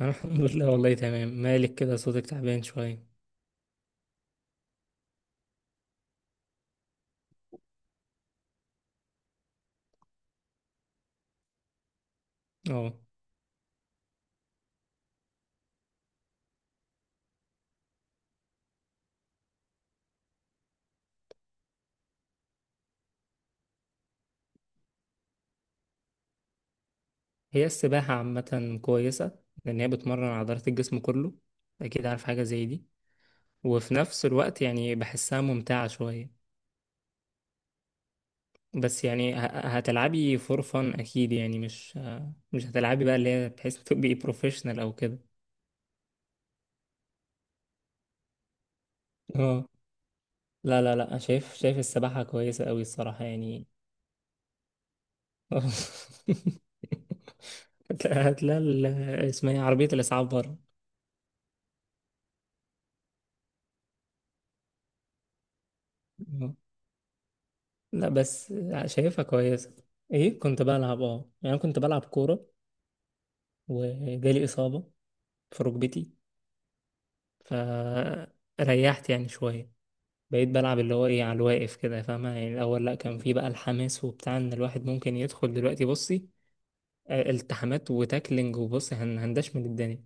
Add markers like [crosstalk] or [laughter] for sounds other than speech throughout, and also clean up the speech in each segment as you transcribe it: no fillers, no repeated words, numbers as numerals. أنا الحمد لله والله تمام. مالك كده؟ صوتك تعبان شوية. اه. هي السباحة عامة كويسة، لأن هي بتمرن عضلات الجسم كله. أكيد عارف حاجة زي دي. وفي نفس الوقت يعني بحسها ممتعة شوية. بس يعني هتلعبي فور فن أكيد، يعني مش هتلعبي بقى اللي هي بحيث [laughs] تبقي بروفيشنال أو كده. اه، لا لا لا، شايف السباحة كويسة أوي الصراحة يعني. [laughs] هتلاقي اسمها إيه؟ عربية الإسعاف بره. اه. لا بس شايفها كويسة. ايه كنت بلعب، يعني أنا كنت بلعب كورة، وجالي إصابة في ركبتي، فريحت يعني شوية. بقيت بلعب اللي هو ايه، على الواقف كده فاهمة؟ يعني الأول لأ، كان في بقى الحماس وبتاع، إن الواحد ممكن يدخل دلوقتي بصي التحامات وتاكلينج، وبصي هندش من الدنيا.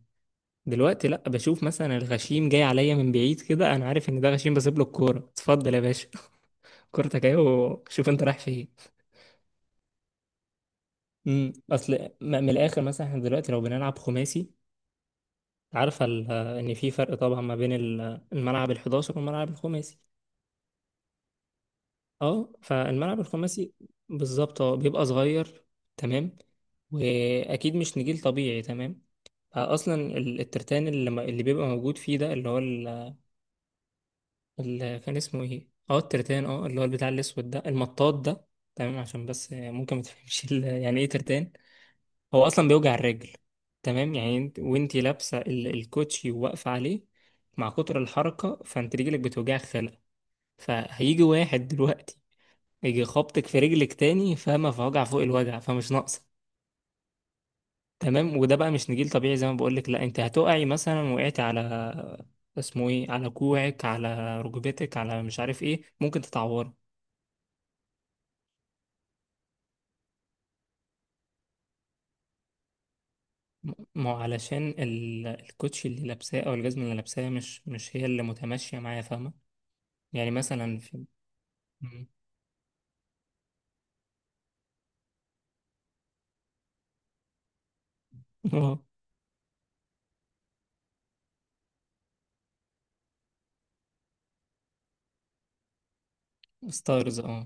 دلوقتي لأ، بشوف مثلا الغشيم جاي عليا من بعيد كده، أنا عارف إن ده غشيم، بسيب له الكورة، اتفضل يا باشا. [laughs] كورتك أهي، وشوف أنت رايح فين. اصل من الاخر، مثلا احنا دلوقتي لو بنلعب خماسي، عارفه ان في فرق طبعا ما بين الملعب ال11 والملعب الخماسي. اه، فالملعب الخماسي بالظبط. اه بيبقى صغير، تمام. واكيد مش نجيل طبيعي، تمام. اصلا الترتان اللي بيبقى موجود فيه، ده اللي هو اللي كان اسمه ايه، الترتان، اللي هو البتاع الاسود ده، المطاط ده. تمام. عشان بس ممكن ما تفهمش يعني ايه ترتان، هو اصلا بيوجع الرجل. تمام، يعني انت وانت لابسه الكوتشي وواقفه عليه مع كتر الحركه، فانت رجلك بتوجع خلع. فهيجي واحد دلوقتي يجي خبطك في رجلك تاني، فما في وجع فوق الوجع، فمش ناقصه. تمام. وده بقى مش نجيل طبيعي، زي ما بقولك. لا انت هتقعي مثلا، وقعتي على اسمه ايه، على كوعك، على ركبتك، على مش عارف ايه، ممكن تتعوري. ما هو علشان الكوتشي اللي لابساه او الجزمه اللي لابساها، مش هي اللي متماشيه معايا، فاهمه؟ يعني مثلا، في اه ستارز. اه.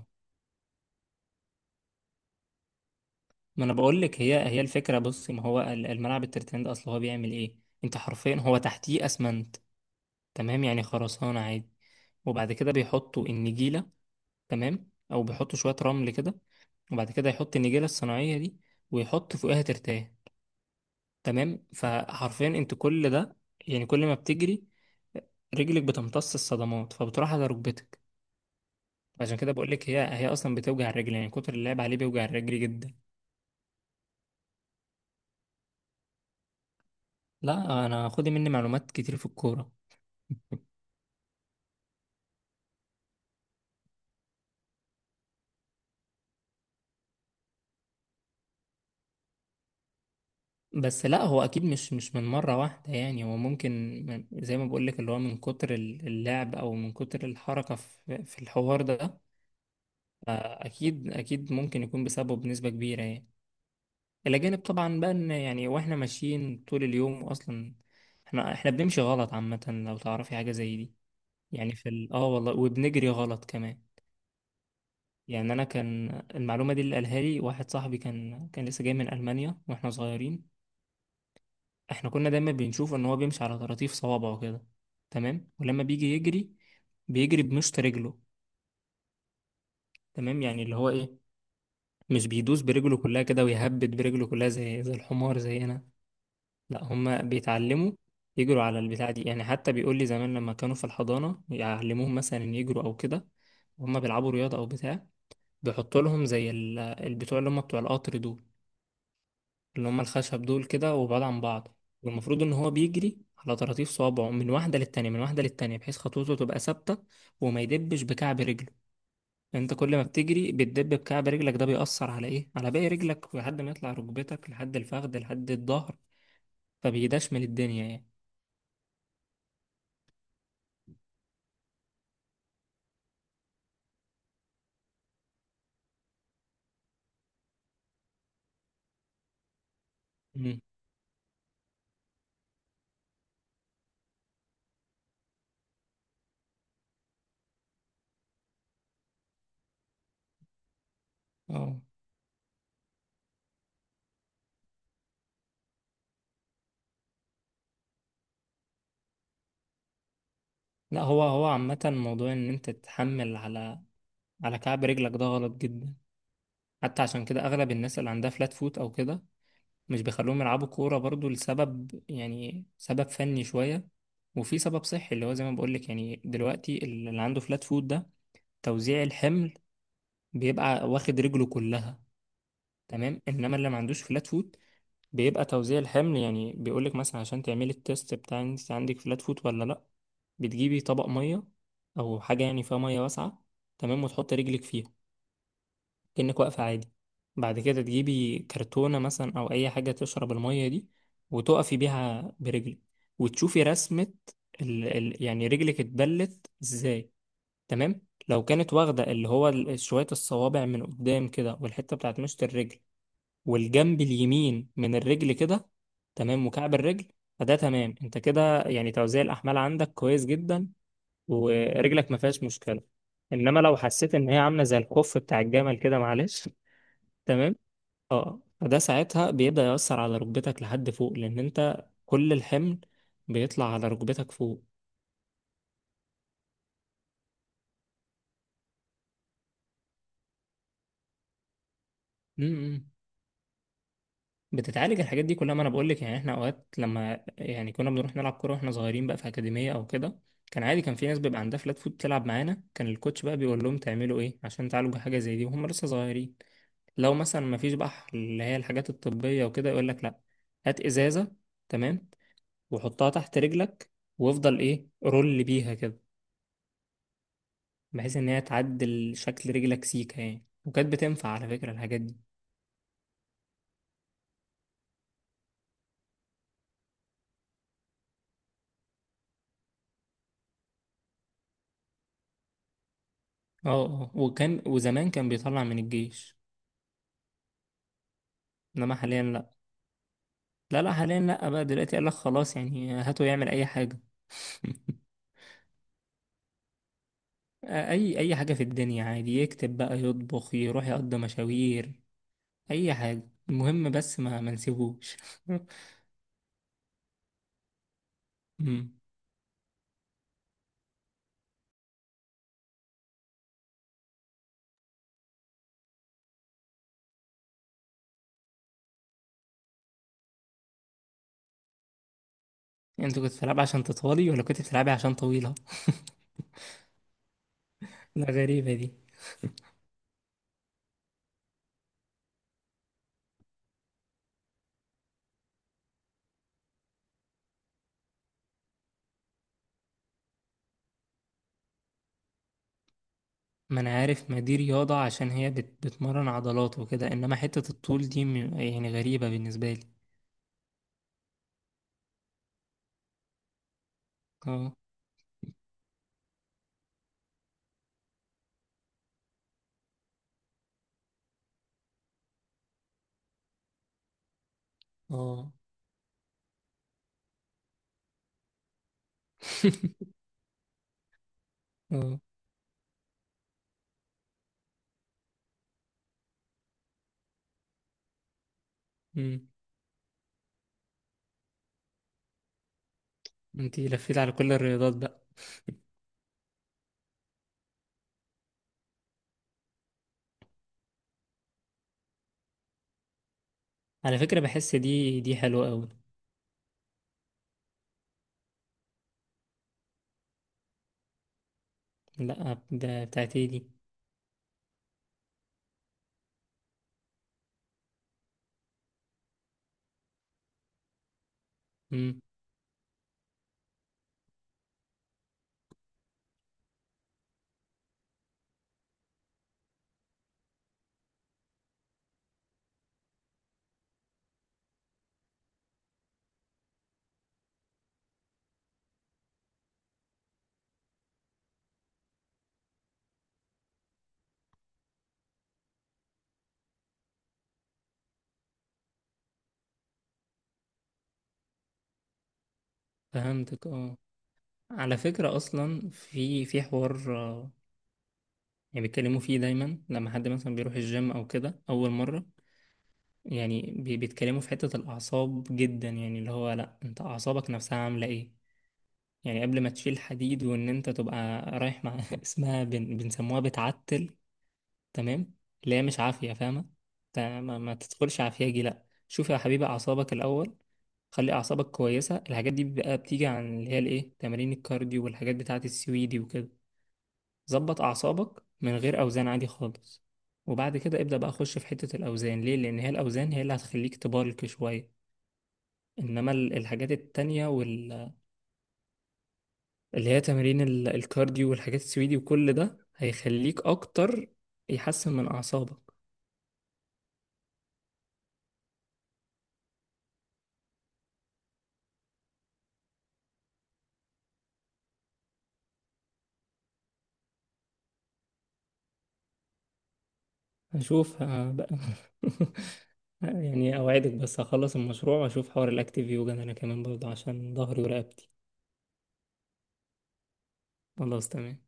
ما انا بقول لك، هي الفكره بصي، ما هو الملعب الترتان ده، اصل هو بيعمل ايه؟ انت حرفيا هو تحتيه اسمنت. تمام، يعني خرسانه عادي. وبعد كده بيحطوا النجيله. تمام، او بيحطوا شويه رمل كده، وبعد كده يحط النجيله الصناعيه دي، ويحط فوقها ترتان. تمام. فحرفيا انت كل ده، يعني كل ما بتجري، رجلك بتمتص الصدمات، فبتروح على ركبتك. عشان كده بقول لك هي اصلا بتوجع الرجل، يعني كتر اللعب عليه بيوجع الرجل جدا. لا انا، خدي مني معلومات كتير في الكوره. بس لا، هو اكيد مش من مره واحده. يعني هو ممكن زي ما بقول لك، اللي هو من كتر اللعب او من كتر الحركه في الحوار ده. اكيد اكيد ممكن يكون بسببه بنسبه كبيره يعني، الى جانب طبعا بقى ان يعني واحنا ماشيين طول اليوم اصلا. احنا بنمشي غلط عامه، لو تعرفي حاجه زي دي. يعني في والله، وبنجري غلط كمان. يعني انا، كان المعلومه دي اللي قالها لي واحد صاحبي، كان لسه جاي من المانيا واحنا صغيرين. احنا كنا دايما بنشوف ان هو بيمشي على طراطيف صوابعه كده، تمام. ولما بيجي يجري، بيجري بمشط رجله. تمام، يعني اللي هو ايه، مش بيدوس برجله كلها كده ويهبد برجله كلها، زي الحمار زينا. لا هما بيتعلموا يجروا على البتاع دي، يعني حتى بيقول لي زمان لما كانوا في الحضانة يعلموهم مثلا ان يجروا او كده، وهم بيلعبوا رياضة او بتاع. بيحطوا لهم زي البتوع اللي هم بتوع القطر دول، اللي هم الخشب دول كده، وبعاد عن بعض. والمفروض ان هو بيجري على طراطيف صوابعه من واحده للتانيه، من واحده للتانيه، بحيث خطوته تبقى ثابته. وما يدبش بكعب رجله. انت كل ما بتجري بتدب بكعب رجلك، ده بيأثر على ايه، على باقي رجلك، لحد ما يطلع ركبتك، لحد الفخذ، لحد الظهر. فبيدشمل الدنيا يعني. امم اه لا، هو عامه موضوع ان انت تتحمل على كعب رجلك، ده غلط جدا. حتى عشان كده اغلب الناس اللي عندها فلات فوت او كده مش بيخلوهم يلعبوا كورة برضو، لسبب يعني سبب فني شوية، وفي سبب صحي اللي هو زي ما بقولك. يعني دلوقتي اللي عنده فلات فوت ده، توزيع الحمل بيبقى واخد رجله كلها. تمام. انما اللي ما عندوش فلات فوت، بيبقى توزيع الحمل. يعني بيقولك مثلا، عشان تعملي التيست بتاع انت عندك فلات فوت ولا لا، بتجيبي طبق مية او حاجة يعني فيها مية واسعة. تمام، وتحط رجلك فيها كأنك واقفة عادي. بعد كده تجيبي كرتونة مثلا أو أي حاجة تشرب المية دي، وتقفي بيها برجلك. وتشوفي رسمة يعني رجلك اتبلت ازاي. تمام. لو كانت واخدة اللي هو شوية الصوابع من قدام كده، والحتة بتاعت مشط الرجل، والجنب اليمين من الرجل كده. تمام، وكعب الرجل. فده تمام، انت كده يعني توزيع الأحمال عندك كويس جدا، ورجلك ما فيهاش مشكلة. انما لو حسيت ان هي عامله زي الخف بتاع الجمل كده، معلش. تمام. اه فده ساعتها بيبدأ يأثر على ركبتك لحد فوق، لأن أنت كل الحمل بيطلع على ركبتك فوق. امم بتتعالج الحاجات دي كلها. ما أنا بقولك، يعني إحنا أوقات لما يعني كنا بنروح نلعب كورة وإحنا صغيرين بقى في أكاديمية أو كده، كان عادي، كان في ناس بيبقى عندها فلات فوت تلعب معانا، كان الكوتش بقى بيقول لهم تعملوا إيه عشان تعالجوا حاجة زي دي وهم لسه صغيرين. لو مثلا ما فيش بقى اللي هي الحاجات الطبية وكده، يقول لك لأ، هات إزازة. تمام، وحطها تحت رجلك، وافضل إيه، رول بيها كده، بحيث ان هي تعدل شكل رجلك سيكة يعني. وكانت بتنفع على فكرة، الحاجات دي. اه، اه. وزمان كان بيطلع من الجيش. انما حاليا لا. لا، لا حاليا لا بقى. دلوقتي قال لك خلاص يعني، هاته يعمل اي حاجة. [laughs] اي حاجة في الدنيا عادي، يكتب بقى، يطبخ، يروح يقضي مشاوير. اي حاجة، المهم بس ما نسيبوش. [laughs] أمم. انتوا كنتوا بتلعبي عشان تطولي، ولا كنت بتلعبي عشان طويلة؟ [laughs] لا، غريبة دي. ما انا عارف، ما دي رياضة عشان هي بتمرن عضلات وكده، انما حتة الطول دي يعني غريبة بالنسبة لي. اه، اه. [laughs] اه. امم انتي لفيت على كل الرياضات بقى. على فكرة بحس دي حلوة قوي. لا، ده بتاعت ايه دي؟ امم فهمتك. اه. على فكرة اصلا في حوار، يعني بيتكلموا فيه دايما لما حد مثلا بيروح الجيم او كده اول مرة. يعني بيتكلموا في حتة الاعصاب جدا، يعني اللي هو، لا انت اعصابك نفسها عاملة ايه. يعني قبل ما تشيل حديد، وان انت تبقى رايح مع [laughs] اسمها بنسموها بتعتل. تمام، اللي هي مش عافية، فاهمة؟ ما تدخلش عافياجي، لا شوف يا حبيبي اعصابك الاول. خلي اعصابك كويسة، الحاجات دي بقى بتيجي عن اللي هي الايه، تمارين الكارديو والحاجات بتاعه السويدي وكده. ظبط اعصابك من غير اوزان عادي خالص، وبعد كده ابدأ بقى اخش في حتة الاوزان. ليه؟ لان هي الاوزان هي اللي هتخليك تبالك شوية. انما الحاجات التانية اللي هي تمارين الكارديو والحاجات السويدي وكل ده هيخليك اكتر، يحسن من اعصابك. هشوف، بقى. [laughs] يعني اوعدك، بس هخلص المشروع واشوف حوار الاكتيف يوجا ده، انا كمان برضه، عشان ظهري ورقبتي. خلاص تمام.